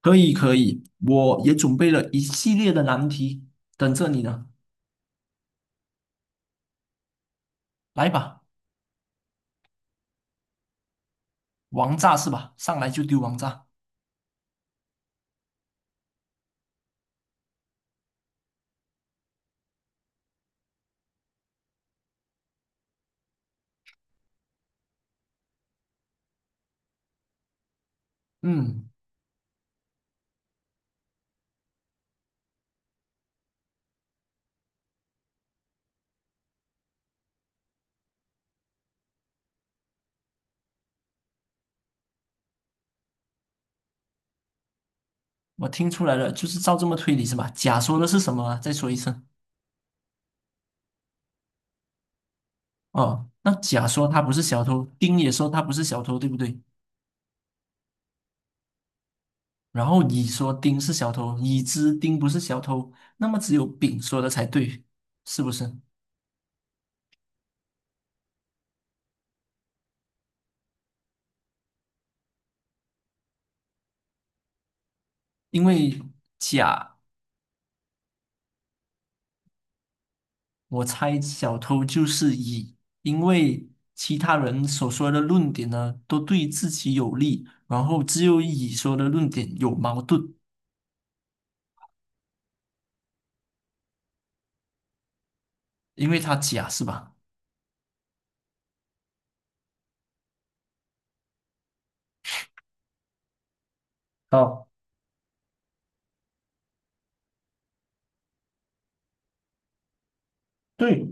可以可以，我也准备了一系列的难题，等着你呢。来吧，王炸是吧？上来就丢王炸。嗯，我听出来了，就是照这么推理是吧？甲说的是什么啊？再说一次。哦，那甲说他不是小偷，丁也说他不是小偷，对不对？然后乙说丁是小偷，乙知丁不是小偷，那么只有丙说的才对，是不是？因为甲我猜小偷就是乙，因为其他人所说的论点呢，都对自己有利，然后只有乙说的论点有矛盾，因为他甲是吧？好，对，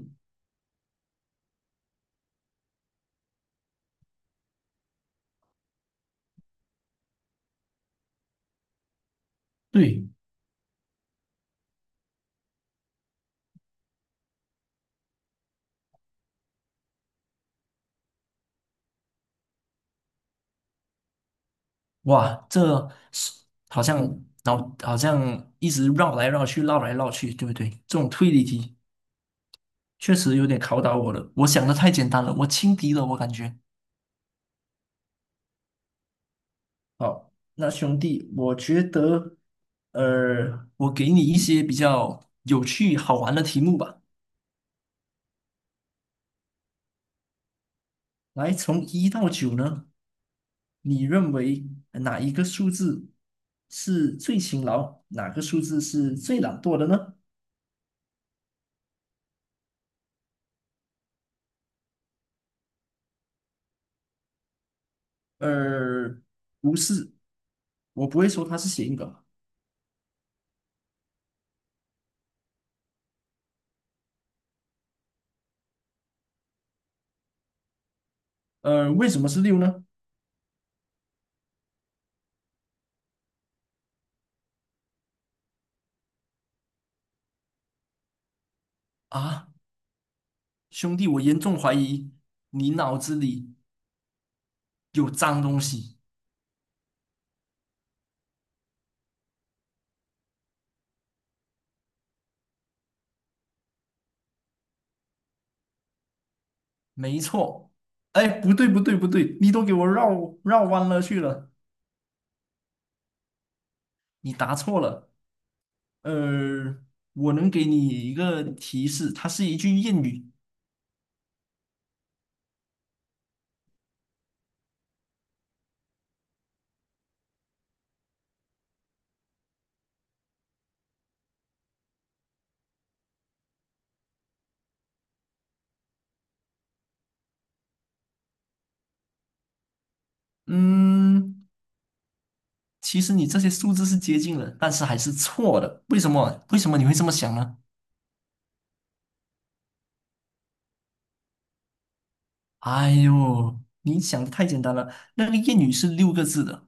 对，哇，这是好像脑好像一直绕来绕去，绕来绕去，对不对？这种推理题确实有点考倒我了，我想的太简单了，我轻敌了，我感觉。好，那兄弟，我觉得，我给你一些比较有趣好玩的题目吧。来，从一到九呢，你认为哪一个数字是最勤劳，哪个数字是最懒惰的呢？呃，不是，我不会说它是谐音梗。为什么是六呢？啊，兄弟，我严重怀疑你脑子里有脏东西。没错。哎，不对，不对，不对，你都给我绕弯了去了，你答错了。呃，我能给你一个提示，它是一句谚语。嗯，其实你这些数字是接近了，但是还是错的。为什么？为什么你会这么想呢？哎呦，你想的太简单了。那个谚语是6个字的，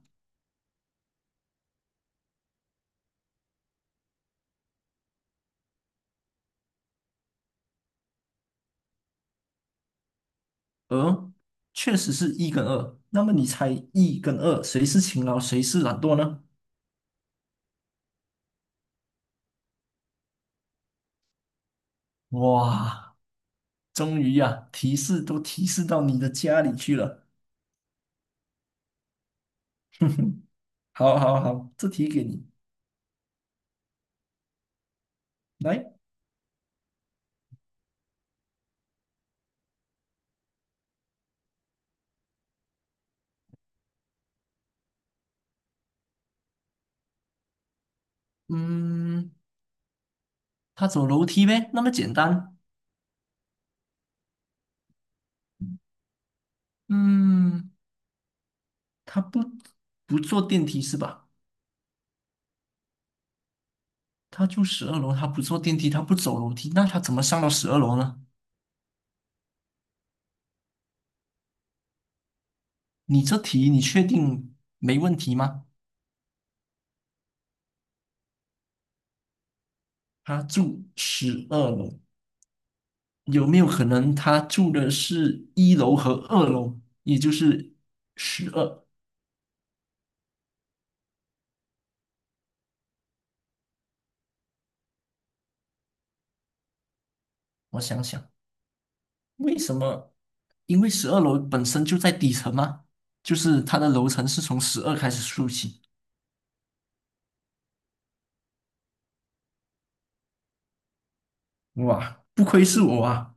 而确实是一跟二。那么你猜一跟二谁是勤劳，谁是懒惰呢？哇！终于呀，提示都提示到你的家里去了。哼哼，好好好，这题给你来。嗯，他走楼梯呗，那么简单。嗯，他不坐电梯是吧？他住十二楼，他不坐电梯，他不走楼梯，那他怎么上到十二楼呢？你这题你确定没问题吗？他住十二楼，有没有可能他住的是一楼和二楼，也就是十二？我想想，为什么？因为十二楼本身就在底层嘛，就是它的楼层是从十二开始数起。哇，不愧是我啊！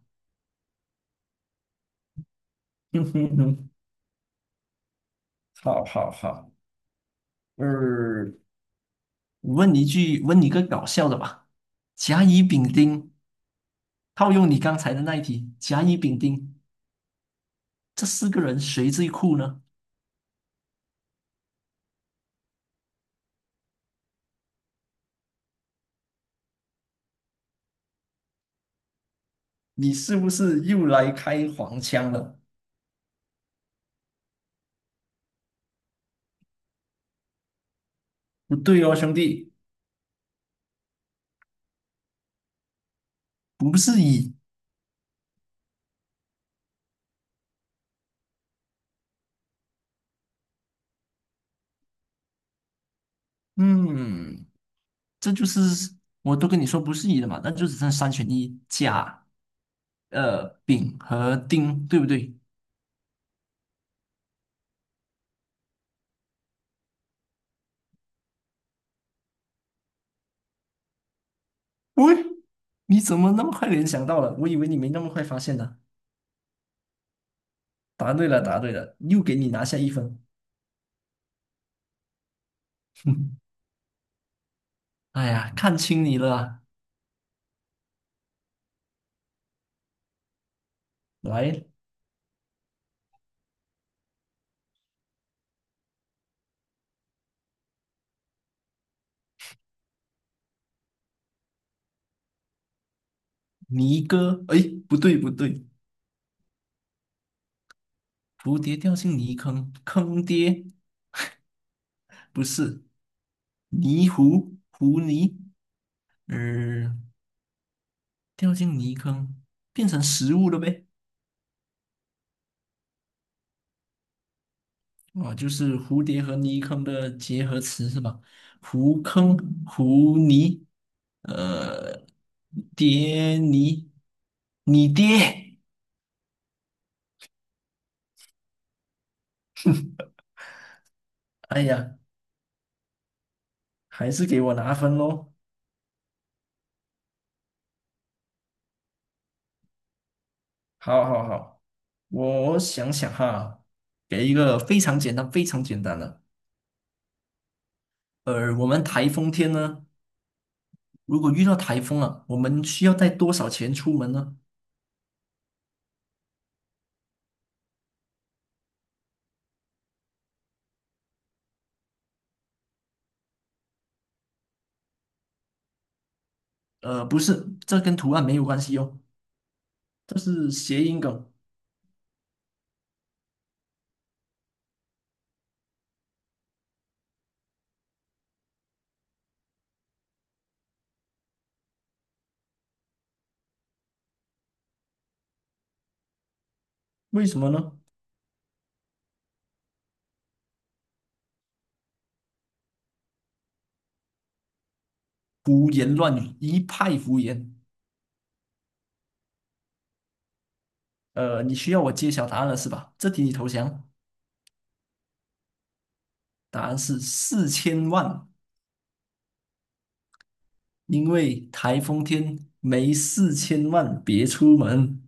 哼哼哼，好好好，呃，问你一句，问你个搞笑的吧。甲乙丙丁，套用你刚才的那一题，甲乙丙丁这四个人谁最酷呢？你是不是又来开黄腔了？不对哦，兄弟。不是乙，嗯，这就是我都跟你说不是一了嘛，那就只剩三选一，甲、丙和丁，对不对？喂，你怎么那么快联想到了？我以为你没那么快发现呢。答对了，答对了，又给你拿下一分。哎呀，看清你了啊来，泥哥，哎，不对不对，蝴蝶掉进泥坑，坑爹，不是泥糊，糊泥，呃，掉进泥坑，变成食物了呗。哦，就是蝴蝶和泥坑的结合词是吧？湖坑、湖泥，呃，蝶泥，你爹！哎呀，还是给我拿分喽！好好好，我想想哈，给一个非常简单、非常简单的。我们台风天呢，如果遇到台风了，我们需要带多少钱出门呢？不是，这跟图案没有关系哦，这是谐音梗，为什么呢？胡言乱语，一派胡言。你需要我揭晓答案了是吧？这题你投降，答案是四千万，因为台风天没四千万别出门。